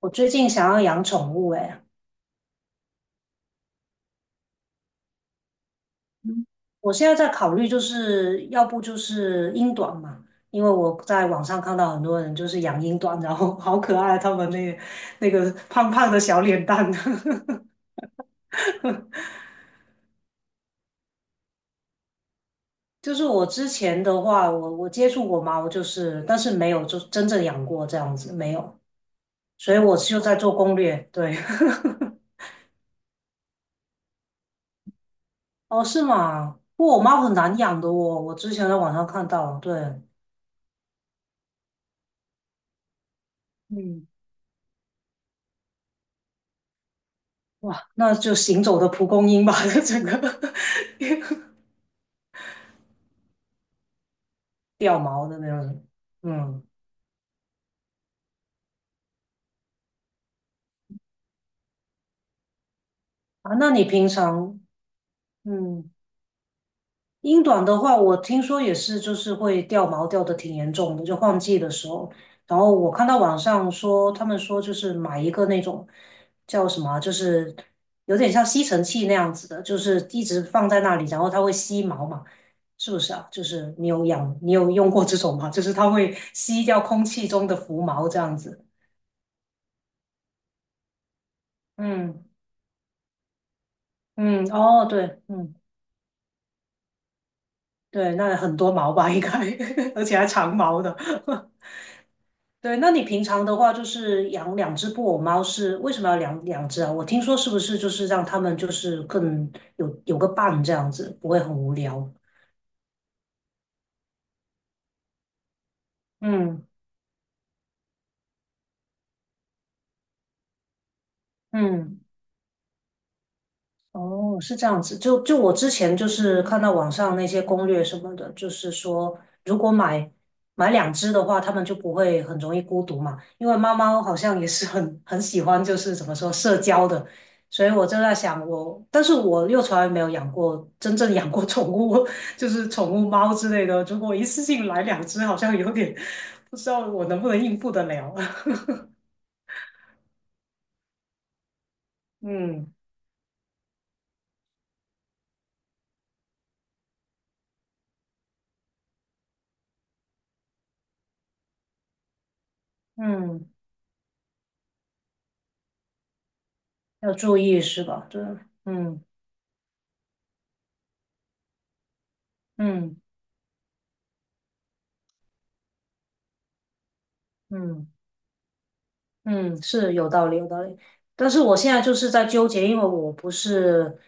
我最近想要养宠物，哎，嗯我现在在考虑，就是要不就是英短嘛，因为我在网上看到很多人就是养英短，然后 好可爱，他们那个胖胖的小脸蛋。就是我之前的话，我接触过猫，就是但是没有就真正养过这样子，没有，所以我就在做攻略。对，哦，是吗？不过我猫很难养的哦，我之前在网上看到，对。嗯哇，那就行走的蒲公英吧，整个 掉毛的那种。嗯，啊，那你平常，嗯，英短的话，我听说也是，就是会掉毛掉的挺严重的，就换季的时候。然后我看到网上说，他们说就是买一个那种叫什么啊就是有点像吸尘器那样子的，就是一直放在那里，然后它会吸毛嘛。是不是啊？就是你有养，你有用过这种吗？就是它会吸掉空气中的浮毛这样子。嗯嗯，哦，对，嗯对，那很多毛吧应该，而且还长毛的。对，那你平常的话就是养两只布偶猫是为什么要养两只啊？我听说是不是就是让它们就是更有个伴这样子，不会很无聊？嗯嗯哦，是这样子。就我之前就是看到网上那些攻略什么的，就是说如果买两只的话，它们就不会很容易孤独嘛。因为猫猫好像也是很喜欢，就是怎么说社交的。所以我就在想我，但是我又从来没有养过真正养过宠物，就是宠物猫之类的。如果一次性来两只，好像有点不知道我能不能应付得了。嗯嗯，要注意是吧？对，嗯嗯。嗯嗯，是有道理，有道理。但是我现在就是在纠结，因为我不是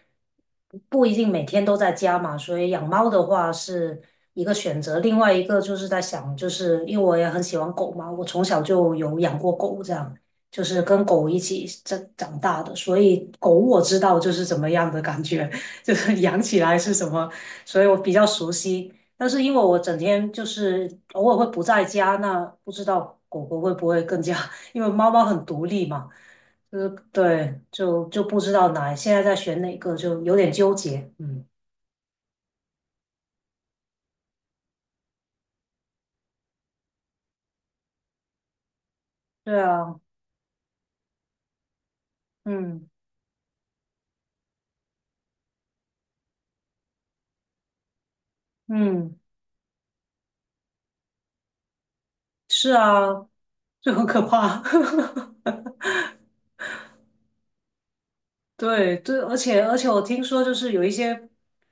不一定每天都在家嘛，所以养猫的话是一个选择。另外一个就是在想，就是因为我也很喜欢狗嘛，我从小就有养过狗，这样就是跟狗一起长大的，所以狗我知道就是怎么样的感觉，就是养起来是什么，所以我比较熟悉。但是因为我整天就是偶尔会不在家，那不知道狗狗会不会更加 因为猫猫很独立嘛，就是对，就不知道哪现在在选哪个，就有点纠结。嗯，对啊，嗯嗯，是啊，就很可怕。对对，而且我听说就是有一些，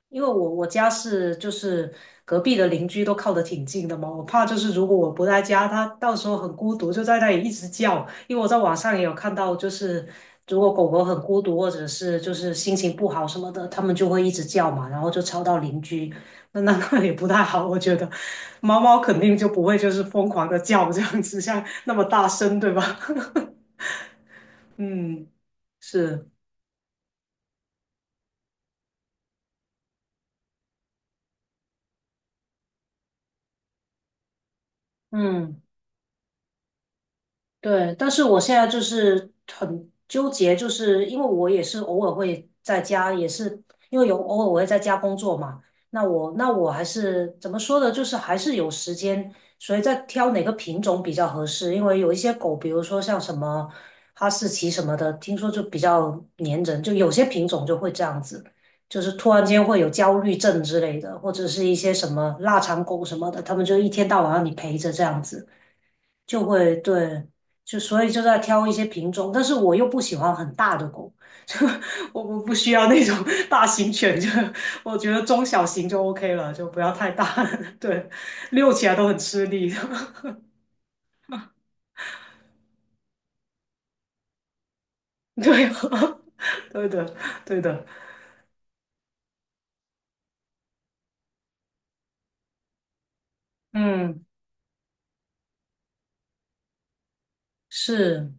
因为我家是就是隔壁的邻居都靠得挺近的嘛，我怕就是如果我不在家，它到时候很孤独，就在那里一直叫。因为我在网上也有看到，就是如果狗狗很孤独或者是就是心情不好什么的，它们就会一直叫嘛，然后就吵到邻居，那也不太好。我觉得猫猫肯定就不会就是疯狂的叫这样子，像那么大声，对吧？嗯，是，嗯。对，但是我现在就是很纠结，就是因为我也是偶尔会在家，也是因为有偶尔我会在家工作嘛。那我还是怎么说呢？就是还是有时间，所以在挑哪个品种比较合适。因为有一些狗，比如说像什么哈士奇什么的，听说就比较粘人，就有些品种就会这样子，就是突然间会有焦虑症之类的，或者是一些什么腊肠狗什么的，他们就一天到晚让你陪着这样子。就会对，就所以就在挑一些品种，但是我又不喜欢很大的狗，就我不需要那种 大型犬，就我觉得中小型就 OK 了，就不要太大 对，遛起来都很吃力，对，对的，对的，嗯，是。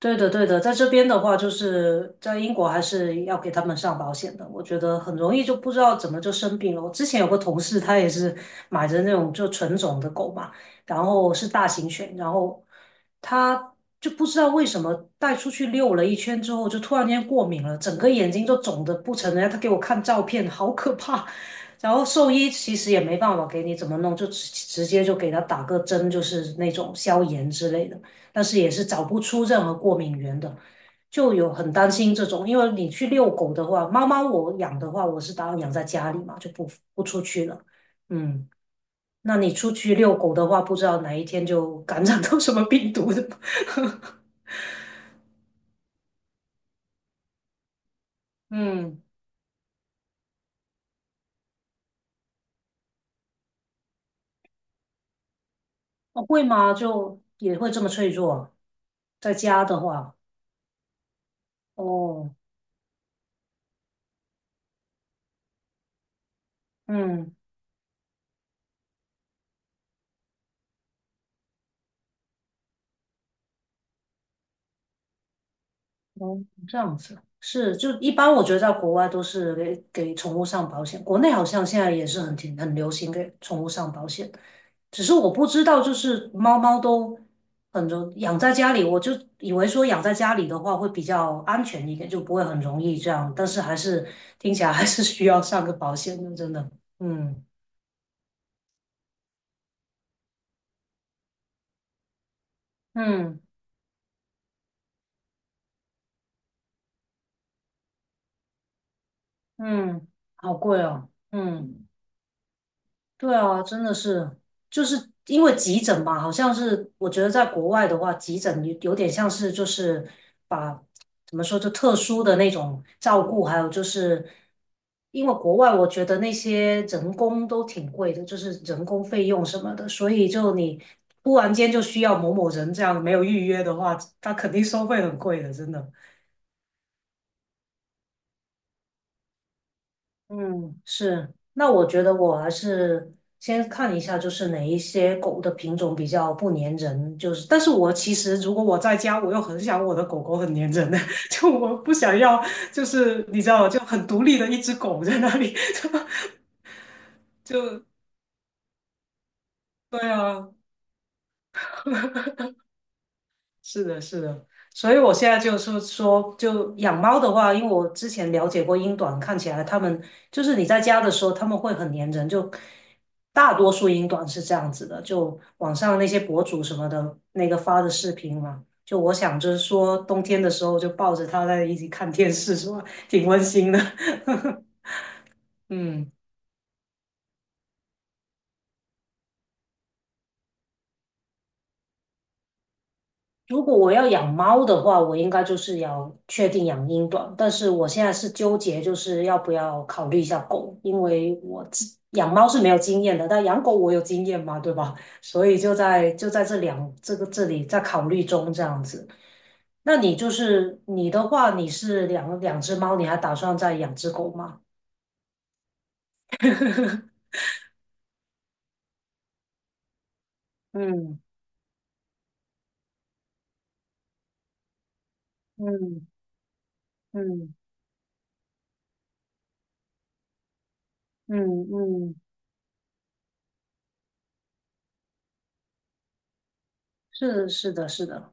对的，对的，在这边的话，就是在英国还是要给他们上保险的。我觉得很容易就不知道怎么就生病了。我之前有个同事，他也是买着那种就纯种的狗嘛，然后是大型犬，然后他就不知道为什么带出去遛了一圈之后，就突然间过敏了，整个眼睛就肿得不成人样。他给我看照片，好可怕。然后兽医其实也没办法给你怎么弄，就直接就给他打个针，就是那种消炎之类的。但是也是找不出任何过敏源的，就有很担心这种，因为你去遛狗的话，猫猫我养的话，我是打算养在家里嘛，就不出去了。嗯，那你出去遛狗的话，不知道哪一天就感染到什么病毒的。嗯，哦会吗？就也会这么脆弱啊在家的话，哦，嗯。哦，这样子是，就一般我觉得在国外都是给宠物上保险，国内好像现在也是很挺很流行给宠物上保险，只是我不知道，就是猫猫都很容养在家里，我就以为说养在家里的话会比较安全一点，就不会很容易这样，但是还是听起来还是需要上个保险的，真的，嗯嗯嗯，好贵哦，嗯。对啊，真的是，就是因为急诊吧，好像是我觉得在国外的话，急诊有点像是就是把怎么说就特殊的那种照顾，还有就是因为国外我觉得那些人工都挺贵的，就是人工费用什么的，所以就你突然间就需要某某人这样没有预约的话，他肯定收费很贵的，真的。嗯，是。那我觉得我还是先看一下，就是哪一些狗的品种比较不粘人。就是，但是我其实如果我在家，我又很想我的狗狗很粘人的，就我不想要，就是你知道，就很独立的一只狗在那里。就对啊，是的，是的，所以我现在就是说，就养猫的话，因为我之前了解过英短，看起来它们就是你在家的时候，它们会很粘人，就大多数英短是这样子的。就网上那些博主什么的，那个发的视频嘛，就我想着说，冬天的时候就抱着它在一起看电视，是吧？挺温馨的。嗯。如果我要养猫的话，我应该就是要确定养英短，但是我现在是纠结，就是要不要考虑一下狗，因为我养猫是没有经验的，但养狗我有经验嘛，对吧？所以就在这两这个这里在考虑中这样子。那你就是你的话，你是两只猫，你还打算再养只狗吗？嗯嗯嗯嗯嗯，是的，是的。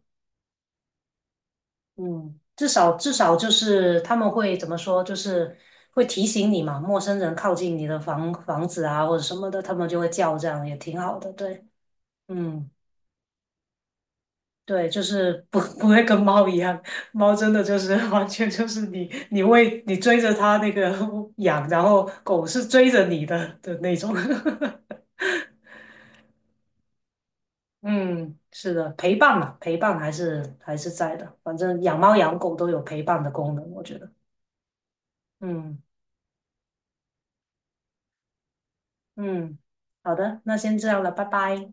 嗯，至少就是他们会怎么说，就是会提醒你嘛，陌生人靠近你的房子啊或者什么的，他们就会叫，这样也挺好的。对，嗯，对，就是不 不会跟猫一样，猫真的就是 完全就是你喂你追着它那个 养，然后狗是追着你的那种。嗯，是的，陪伴嘛，陪伴还是在的，反正养猫养狗都有陪伴的功能，我觉得。嗯。嗯，好的，那先这样了，拜拜。